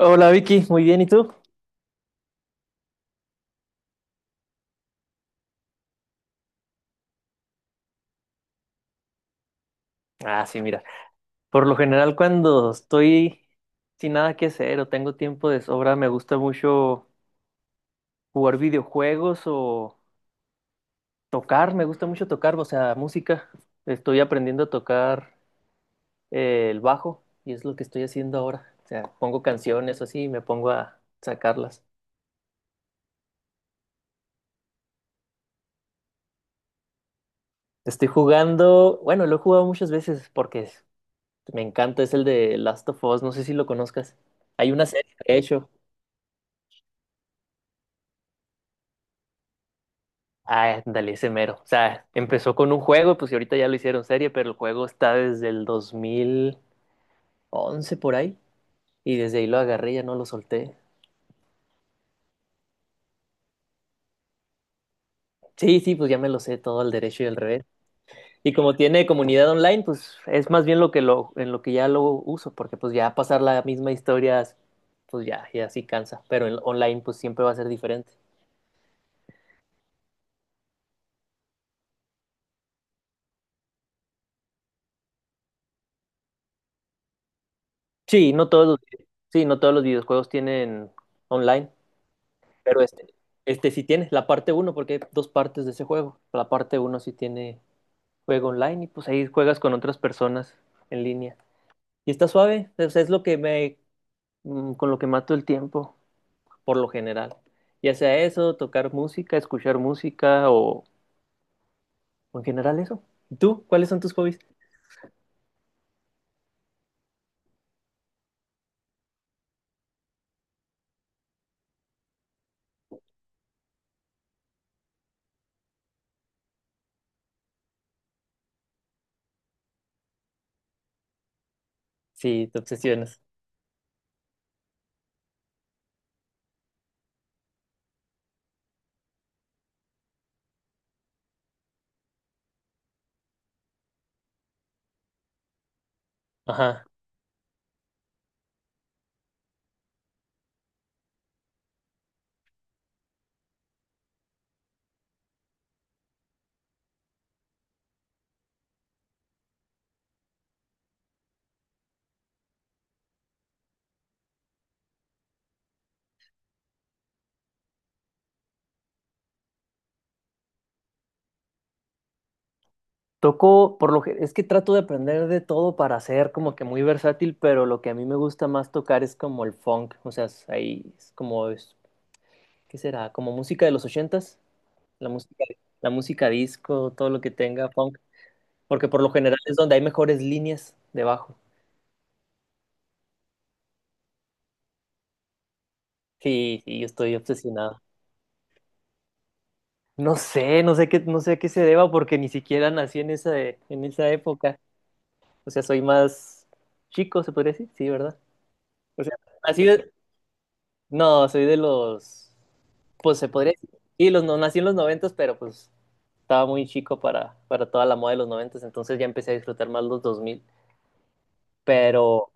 Hola Vicky, muy bien, ¿y tú? Ah, sí, mira, por lo general cuando estoy sin nada que hacer o tengo tiempo de sobra, me gusta mucho jugar videojuegos o tocar, me gusta mucho tocar, o sea, música. Estoy aprendiendo a tocar el bajo y es lo que estoy haciendo ahora. O sea, pongo canciones o así y me pongo a sacarlas. Estoy jugando, bueno, lo he jugado muchas veces porque me encanta, es el de Last of Us, no sé si lo conozcas. Hay una serie, de hecho. Ah, ándale, ese mero. O sea, empezó con un juego, pues y ahorita ya lo hicieron serie, pero el juego está desde el dos mil once por ahí. Y desde ahí lo agarré, ya no lo solté. Sí, sí, pues ya me lo sé todo al derecho y al revés. Y como tiene comunidad online, pues es más bien lo que lo, en lo que ya lo uso, porque pues ya pasar la misma historia, pues ya, ya sí cansa. Pero en online, pues siempre va a ser diferente. Sí, no todos los, sí, no todos los videojuegos tienen online. Pero este sí tiene la parte uno porque hay dos partes de ese juego. La parte uno sí tiene juego online y pues ahí juegas con otras personas en línea. Y está suave, o sea, es lo que me, con lo que mato el tiempo, por lo general. Ya sea eso, tocar música, escuchar música o en general eso. ¿Y tú? ¿Cuáles son tus hobbies? Sí, te obsesionas. Ajá. Toco, por lo que, es que trato de aprender de todo para ser como que muy versátil, pero lo que a mí me gusta más tocar es como el funk, o sea, es- ahí es como es. ¿Qué será? ¿Como música de los ochentas? La música, la música disco, todo lo que tenga funk. Porque por lo general es donde hay mejores líneas de bajo. Sí, sí, yo estoy obsesionado. No sé a qué se deba porque ni siquiera nací en esa época. O sea, soy más chico, se podría decir. Sí, ¿verdad? O sea, nací de- No, soy de los... Pues se podría decir. Sí, los, no, nací en los noventas, pero pues estaba muy chico para toda la moda de los noventas. Entonces ya empecé a disfrutar más los 2000, pero...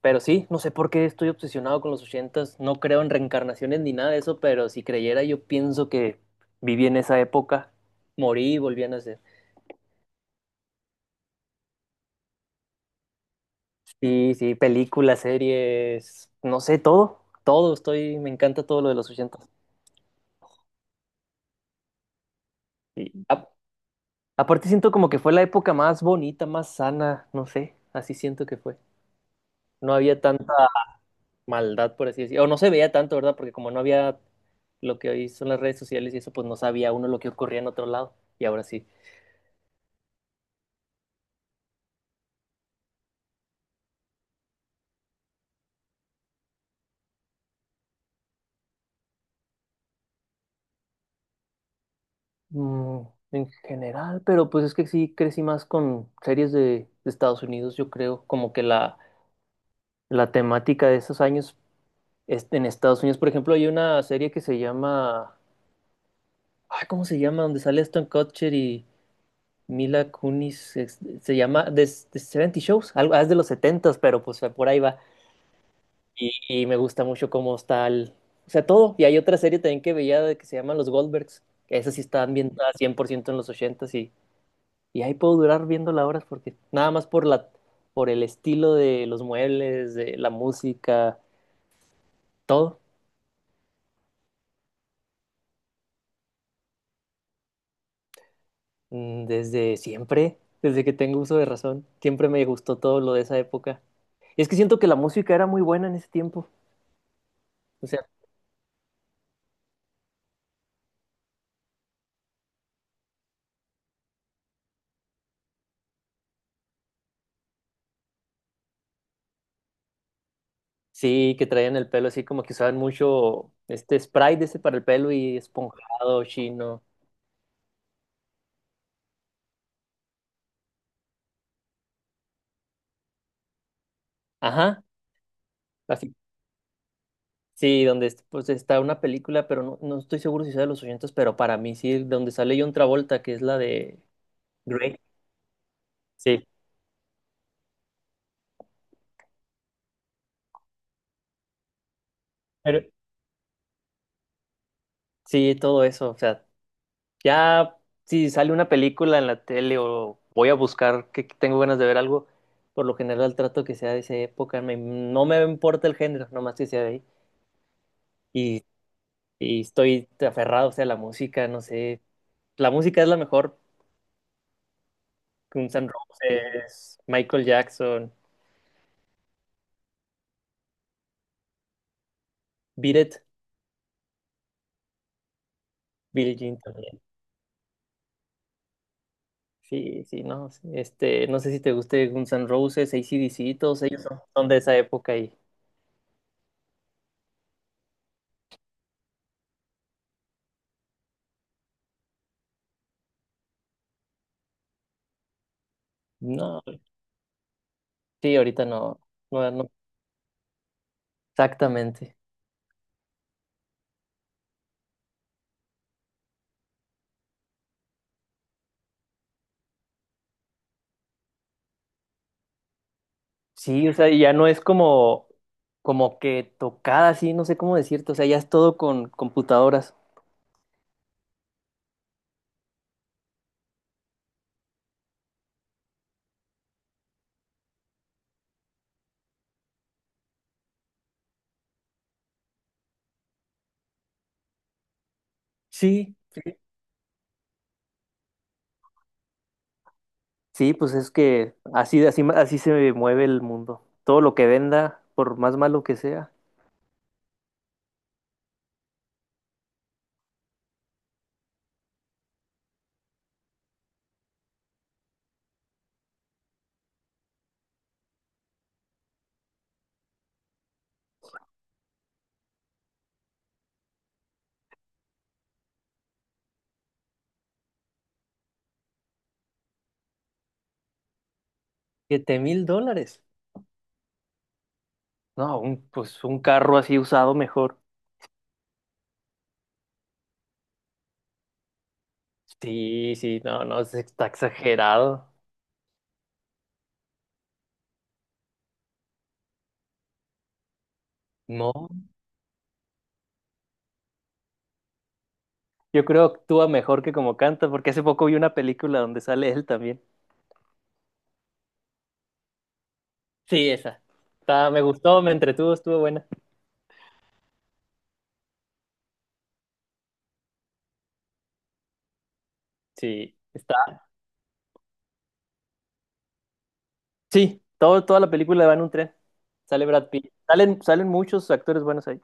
Pero sí, no sé por qué estoy obsesionado con los ochentas, no creo en reencarnaciones ni nada de eso, pero si creyera yo pienso que viví en esa época, morí y volví a nacer. Sí, sí, películas, series, no sé, todo, todo, estoy, me encanta todo lo de los ochentas. Y a- aparte siento como que fue la época más bonita, más sana, no sé, así siento que fue. No había tanta maldad, por así decirlo, o no se veía tanto, ¿verdad? Porque como no había lo que hoy son las redes sociales y eso, pues no sabía uno lo que ocurría en otro lado, y ahora sí. Mm, en general, pero pues es que sí crecí más con series de Estados Unidos, yo creo, como que la temática de esos años es- en Estados Unidos, por ejemplo, hay una serie que se llama, ay, ¿cómo se llama? Donde sale Aston Kutcher y Mila Kunis, es- se llama The 70 Shows, algo ah, es de los 70 pero pues por ahí va. Y me gusta mucho cómo está el, o sea, todo. Y hay otra serie también que veía de- que se llama Los Goldbergs, que esas sí están ambientada ciento en los 80. Y ahí puedo durar viéndola horas porque nada más por la, por el estilo de los muebles, de la música, todo. Desde siempre, desde que tengo uso de razón, siempre me gustó todo lo de esa época. Y es que siento que la música era muy buena en ese tiempo. O sea, sí, que traían el pelo así como que usaban mucho este spray de ese para el pelo y esponjado, chino. Ajá, así. Sí, donde es- pues está una película, pero no, no estoy seguro si sea de los 80, pero para mí sí, donde sale John Travolta, que es la de Grey. Sí, pero sí, todo eso. O sea, ya si sale una película en la tele o voy a buscar que tengo ganas de ver algo, por lo general trato que sea de esa época. Me- no me importa el género, nomás que sea de ahí. Y, y estoy aferrado, o sea, a la música, no sé. La música es la mejor. Guns N' Roses, Michael Jackson, Beat It, Billie Jean también. Sí, sí, no. Este, no sé si te guste Guns N' Roses, AC/DC, todos ellos son, son de esa época y. No, sí, ahorita no, no, no, exactamente. Sí, o sea, y ya no es como, como que tocada, así, no sé cómo decirte, o sea, ya es todo con computadoras. Sí, sí. Sí, pues es que así se mueve el mundo. Todo lo que venda, por más malo que sea. Siete mil dólares. No, un- pues un carro así usado mejor. Sí, sí, no, no, es- está exagerado. No. Yo creo que actúa mejor que como canta, porque hace poco vi una película donde sale él también. Sí, esa. Está- me gustó, me entretuvo, estuvo buena. Sí, está. Sí, todo, toda la película va en un tren. Sale Brad Pitt. Salen muchos actores buenos ahí.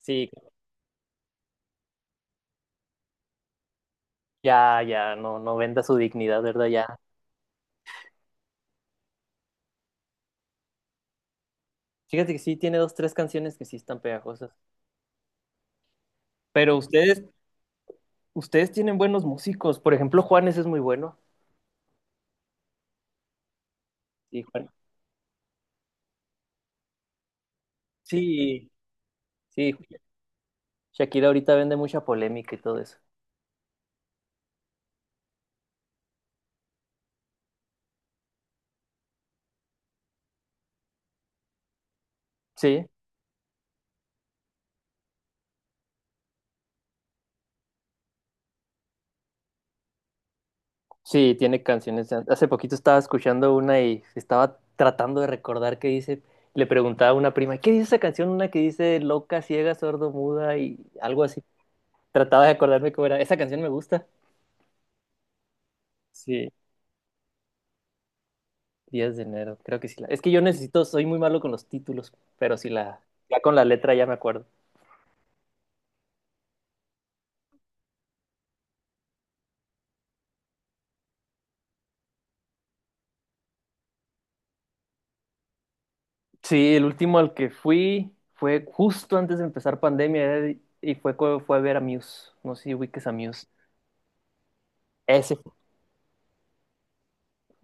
Sí, ya, ya, no, no venda su dignidad, ¿verdad? Ya. Fíjate que sí, tiene dos, tres canciones que sí están pegajosas. Pero ustedes tienen buenos músicos. Por ejemplo, Juanes es muy bueno. Sí, Juan. Sí, sí. Shakira ahorita vende mucha polémica y todo eso. Sí. Sí, tiene canciones. Hace poquito estaba escuchando una y estaba tratando de recordar qué dice. Le preguntaba a una prima, ¿qué dice esa canción? Una que dice loca, ciega, sordo, muda y algo así. Trataba de acordarme cómo era. Esa canción me gusta. Sí, 10 de enero. Creo que sí. La... Es que yo necesito, soy muy malo con los títulos, pero sí la, ya con la letra ya me acuerdo. Sí, el último al que fui fue justo antes de empezar pandemia era- y fue, cu- fue a ver a Muse. No sé si ubiques a Muse. Ese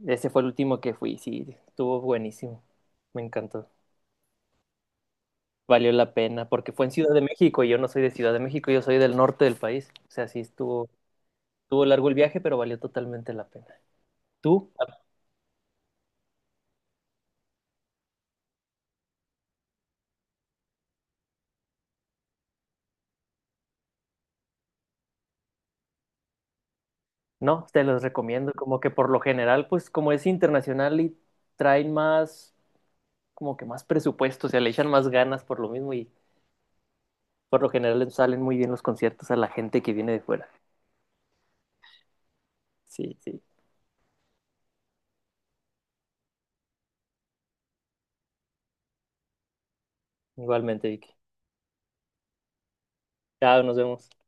Ese fue el último que fui, sí, estuvo buenísimo. Me encantó. Valió la pena porque fue en Ciudad de México y yo no soy de Ciudad de México, yo soy del norte del país. O sea, sí estuvo, estuvo largo el viaje, pero valió totalmente la pena. ¿Tú? No, te los recomiendo. Como que por lo general, pues como es internacional y traen más, como que más presupuesto, o sea, le echan más ganas por lo mismo y por lo general les salen muy bien los conciertos a la gente que viene de fuera. Sí, sí. Igualmente, Vicky. Chao, nos vemos.